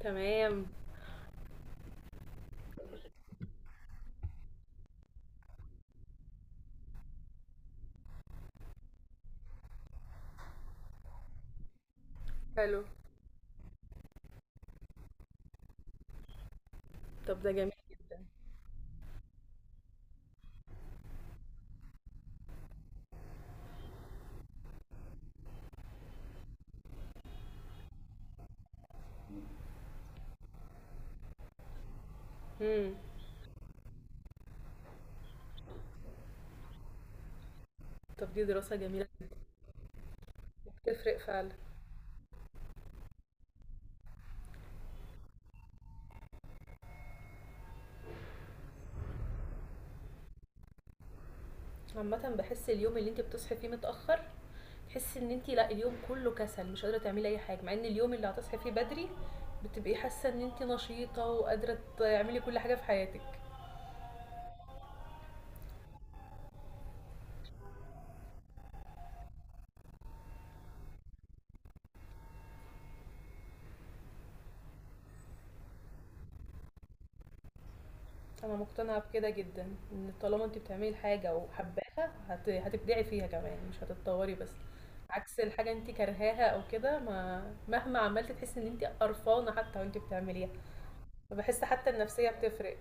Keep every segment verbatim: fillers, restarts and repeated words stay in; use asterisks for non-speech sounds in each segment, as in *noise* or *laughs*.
تمام. حلو. طب ده جميل جدا. امم. طب دي دراسة جميلة جدا. تفرق فعلا. عامة بحس اليوم اللي انت بتصحي فيه متأخر تحسي ان انت لا اليوم كله كسل مش قادرة تعملي اي حاجة، مع ان اليوم اللي هتصحي فيه بدري بتبقي حاسة ان انت نشيطة وقادرة تعملي كل حاجة في حياتك. انا مقتنعه بكده جدا، ان طالما انت بتعملي حاجه وحباها هت... هتبدعي فيها كمان، مش هتتطوري بس. عكس الحاجه انت كرهاها او كده، ما مهما عملتي تحسي ان انت قرفانه حتى وانت بتعمليها. فبحس حتى النفسيه بتفرق.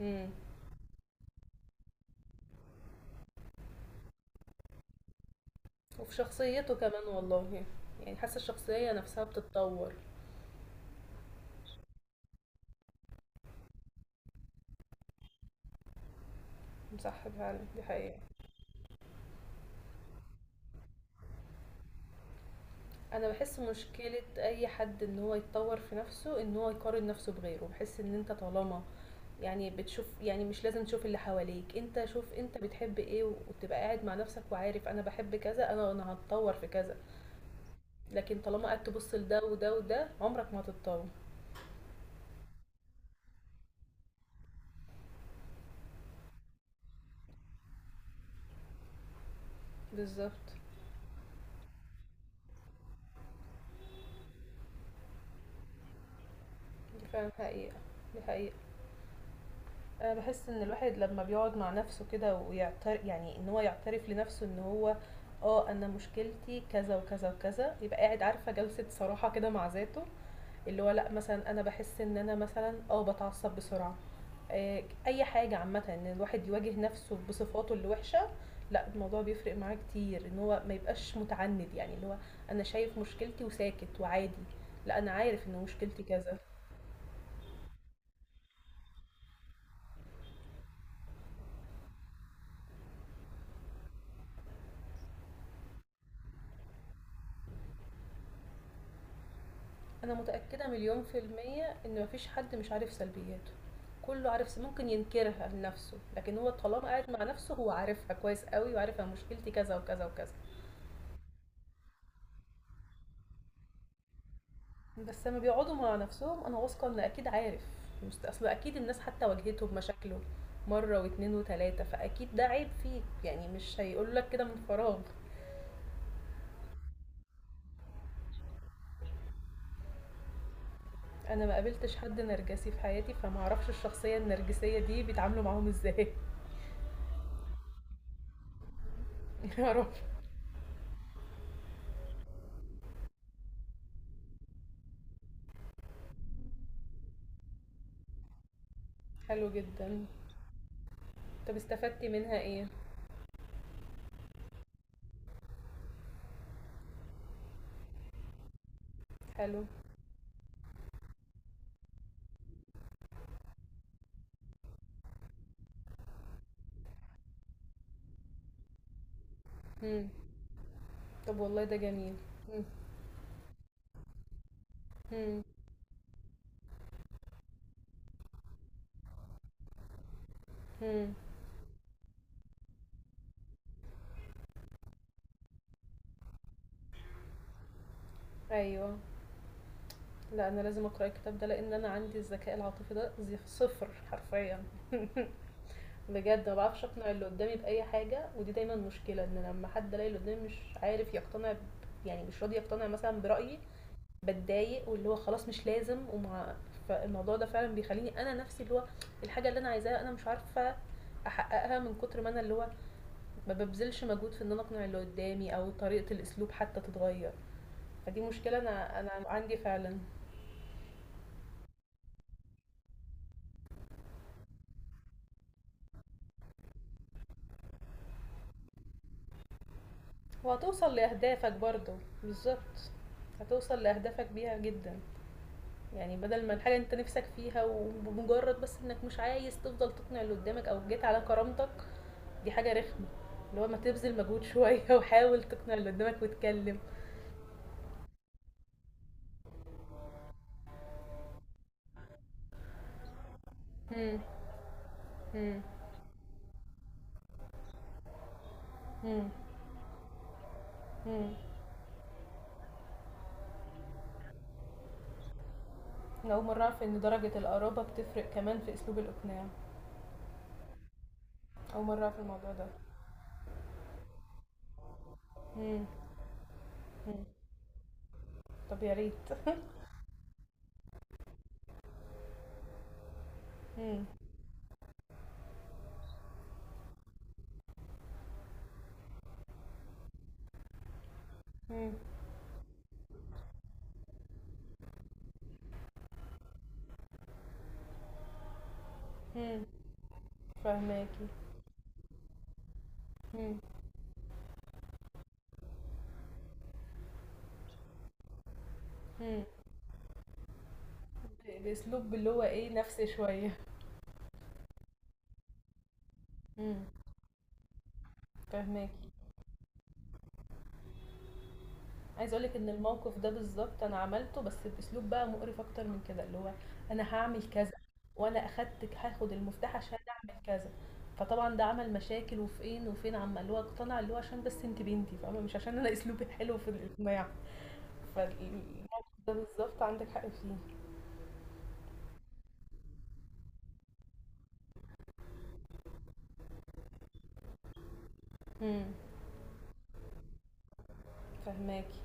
امم. وفي شخصيته كمان والله، يعني حاسه الشخصيه نفسها بتتطور. صح فعلا، دي حقيقه. انا بحس مشكلة اي حد ان هو يتطور في نفسه ان هو يقارن نفسه بغيره، بحس ان انت طالما يعني بتشوف، يعني مش لازم تشوف اللي حواليك، انت شوف انت بتحب ايه و- وتبقى قاعد مع نفسك وعارف انا بحب كذا، انا انا هتطور في كذا. لكن طالما قعدت تبص لده وده وده، عمرك ما هتتطور. بالظبط. دي فعلا حقيقة، دي حقيقة. أنا باحس إن الواحد لمّا بيقعد مع نفسه كده ويعت يعني إن هو يعترف لنفسه إن هو آه، أنا مشكلتي كذا وكذا وكذا، يبقى قاعد، عارفة، جلسة صراحة كده مع ذاته، اللي هو لأ. مثلًا أنا باحس إن أنا مثلًا آه، باتعصب بسرعة، آآ أي حاجة. عامةً إن الواحد يواجه نفسه بصفاته الوحشة، لأ الموضوع بيفرق معاه كتير. إن هو ما يبقاش متعند، يعني اللي هو أنا شايف مشكلتي وساكت وعادي، لأ أنا عارف إن مشكلتي كذا. انا متاكده مليون في الميه ان مفيش حد مش عارف سلبياته. كله عارف، س- ممكن ينكرها لنفسه، لكن هو طالما قاعد مع نفسه هو عارفها كويس قوي وعارف انا مشكلتي كذا وكذا وكذا. بس لما بيقعدوا مع نفسهم انا واثقه ان اكيد عارف. مست- اصل اكيد الناس حتى واجهته بمشاكله مره واتنين وتلاته، فاكيد ده عيب فيك، يعني مش هيقول لك كده من فراغ. انا ما قابلتش حد نرجسي في حياتي، فما اعرفش الشخصيه النرجسيه دي بيتعاملوا معاهم ازاي. *laughs* يا رب. حلو جدا. طب استفدتي منها ايه؟ حلو. إمم. طب والله ده جميل. إمم. إمم. إمم. أيوه. لأ، أنا لازم أقرأ الكتاب ده، لإن أنا عندي الذكاء العاطفي ده زي صفر حرفيًا. *laughs* بجد ما باعرفش أقنع اللي قدامي بأي حاجة، ودي دايمًا مشكلة. إن لما حد ألاقي اللي قدامي مش عارف يقتنع ب، يعني مش راضي يقتنع مثلًا برأيي، باتضايق واللي هو خلاص مش لازم وما، فالموضوع ده فعلًا بيخلّيني أنا نفسي اللي هو الحاجة اللي أنا عايزاها أنا مش عارفة أحققها، من كتر ما أنا اللي هو ما ببذلش مجهود في ان انا اقنع اللي قدامي او طريقة الاسلوب حتى تتغير. فدي مشكلة انا انا عندي فعلا. وهتوصل لاهدافك برضو. بالظبط. هتوصل لاهدافك بيها جدا. يعني بدل ما الحاجة انت نفسك فيها، وبمجرد بس انك مش عايز تفضل تقنع اللي قدامك او جيت على كرامتك، دي حاجة رخمة. اللي هو ما تبذل مجهود شوية *laughs* وحاول تقنع اللي قدامك وتكلم. مم، مم، مم، مم. أنا أول مرة أعرف إن درجة القرابة بتفرق كمان في أسلوب الإقناع. أول مرة أعرف الموضوع ده. مم. مم. طب يا ريت. *laughs* مم. مم. مم. فهماكي. مم. مم. ب- باسلوب اللي هو ايه، نفسي شويه. مم. فهماكي. عايز اقولك ان الموقف ده بالظبط انا عملته، بس باسلوب بقى مقرف اكتر من كده، اللي هو انا هعمل كذا وانا اخدت هاخد المفتاح عشان اعمل كذا. فطبعا ده عمل مشاكل. وفين وفين عم، اللي هو اقتنع اللي هو عشان بس انت بنتي فاهمه، مش عشان انا *laughs* اسلوبي حلو في الاقناع. فالموقف ده بالظبط عندك حق فيه. مم. فهماكي.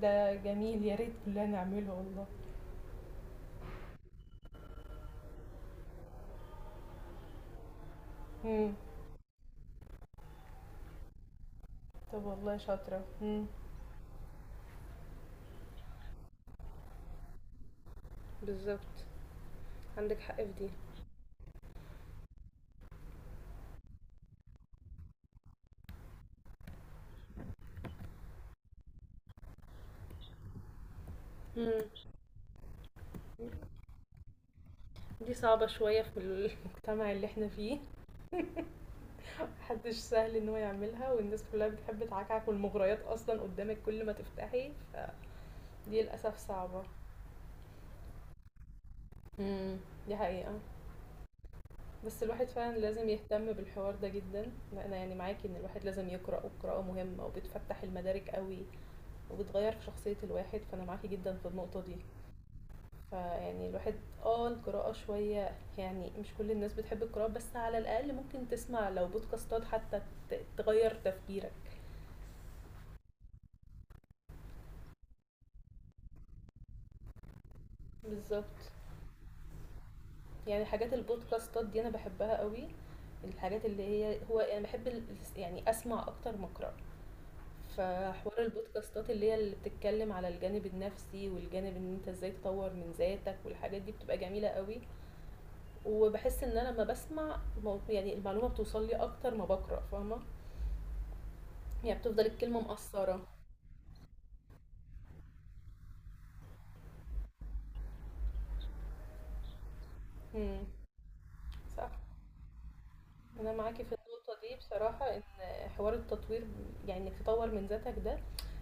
ده جميل، يا ريت كلنا نعمله والله. مم. طب والله شاطرة. مم. بالظبط. عندك حق في دي. مم. دي صعبة شوية في المجتمع اللي احنا فيه. محدش سهل ان هو يعملها، والناس كلها بتحب تعكعك، والمغريات اصلا قدامك كل ما تفتحي، فدي للاسف صعبة. مم. دي حقيقة. بس الواحد فعلا لازم يهتم بالحوار ده جدا. انا يعني معاكي، ان الواحد لازم يقرأ، والقراءة مهمة وبتفتح المدارك قوي وبتغير في شخصية الواحد، فأنا معاكي جدا في النقطة دي. فيعني الواحد، اه القراءة شوية، يعني مش كل الناس بتحب القراءة، بس على الأقل ممكن تسمع لو بودكاستات حتى ت- تغير تفكيرك. بالظبط. يعني حاجات البودكاستات دي أنا بحبها قوي. الحاجات اللي هي هو أنا بحب ال- يعني أسمع أكتر ما أقرأ. فحوار البودكاستات اللي هي اللي بتتكلم على الجانب النفسي، والجانب ان انت ازاي تطور من ذاتك، والحاجات دي بتبقى جميلة قوي. وباحس إن أنا لمّا باسمع المو يعني المعلومة بتوصل لي أكتر ما باقرأ، فاهمة، يعني بتفضل الكلمة مأثّرة. إمم، صح، أنا معاكِ في النقطة دي بصراحة. إن حوار التطوير، يعني إنك تطوّر من ذاتك ده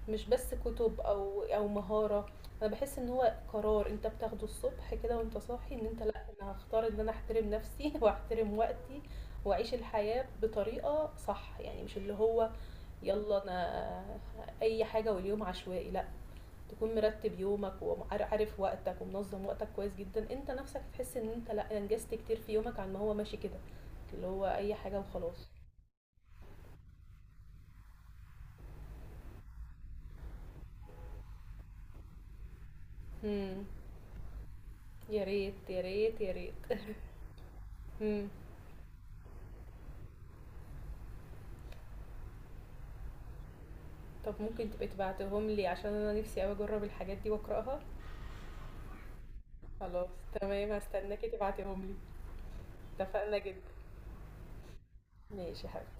مش بس كُتب أو أو مهارة، أنا باحس إن هو قرار أنت بتاخده الصبح كده وأنت صاحي، إن أنت لأ، أنا هاختار إن أنا أحترم نفسي *laughs* وأحترم وقتي وأعيش الحياة بطريقة صح، يعني مش اللي هو يالّا أنا أي حاجة واليوم عشوائي، لأ. تكون مرتب يومك وعارف وقتك ومنظم وقتك كويس جدا، انت نفسك هتحس ان انت لا انجزت كتير في يومك عن ما هو ماشي كده، اللي هو اي حاجة وخلاص. امم. يا ريت، يا ريت، يا ريت. *laughs* امم. طب ممكن تبقي تبعتهم لي، عشان انا نفسي قوي اجرب الحاجات دي واقراها. خلاص. تمام، هستناكي تبعتيهم لي. اتفقنا جدا. ماشي يا حبيبتي.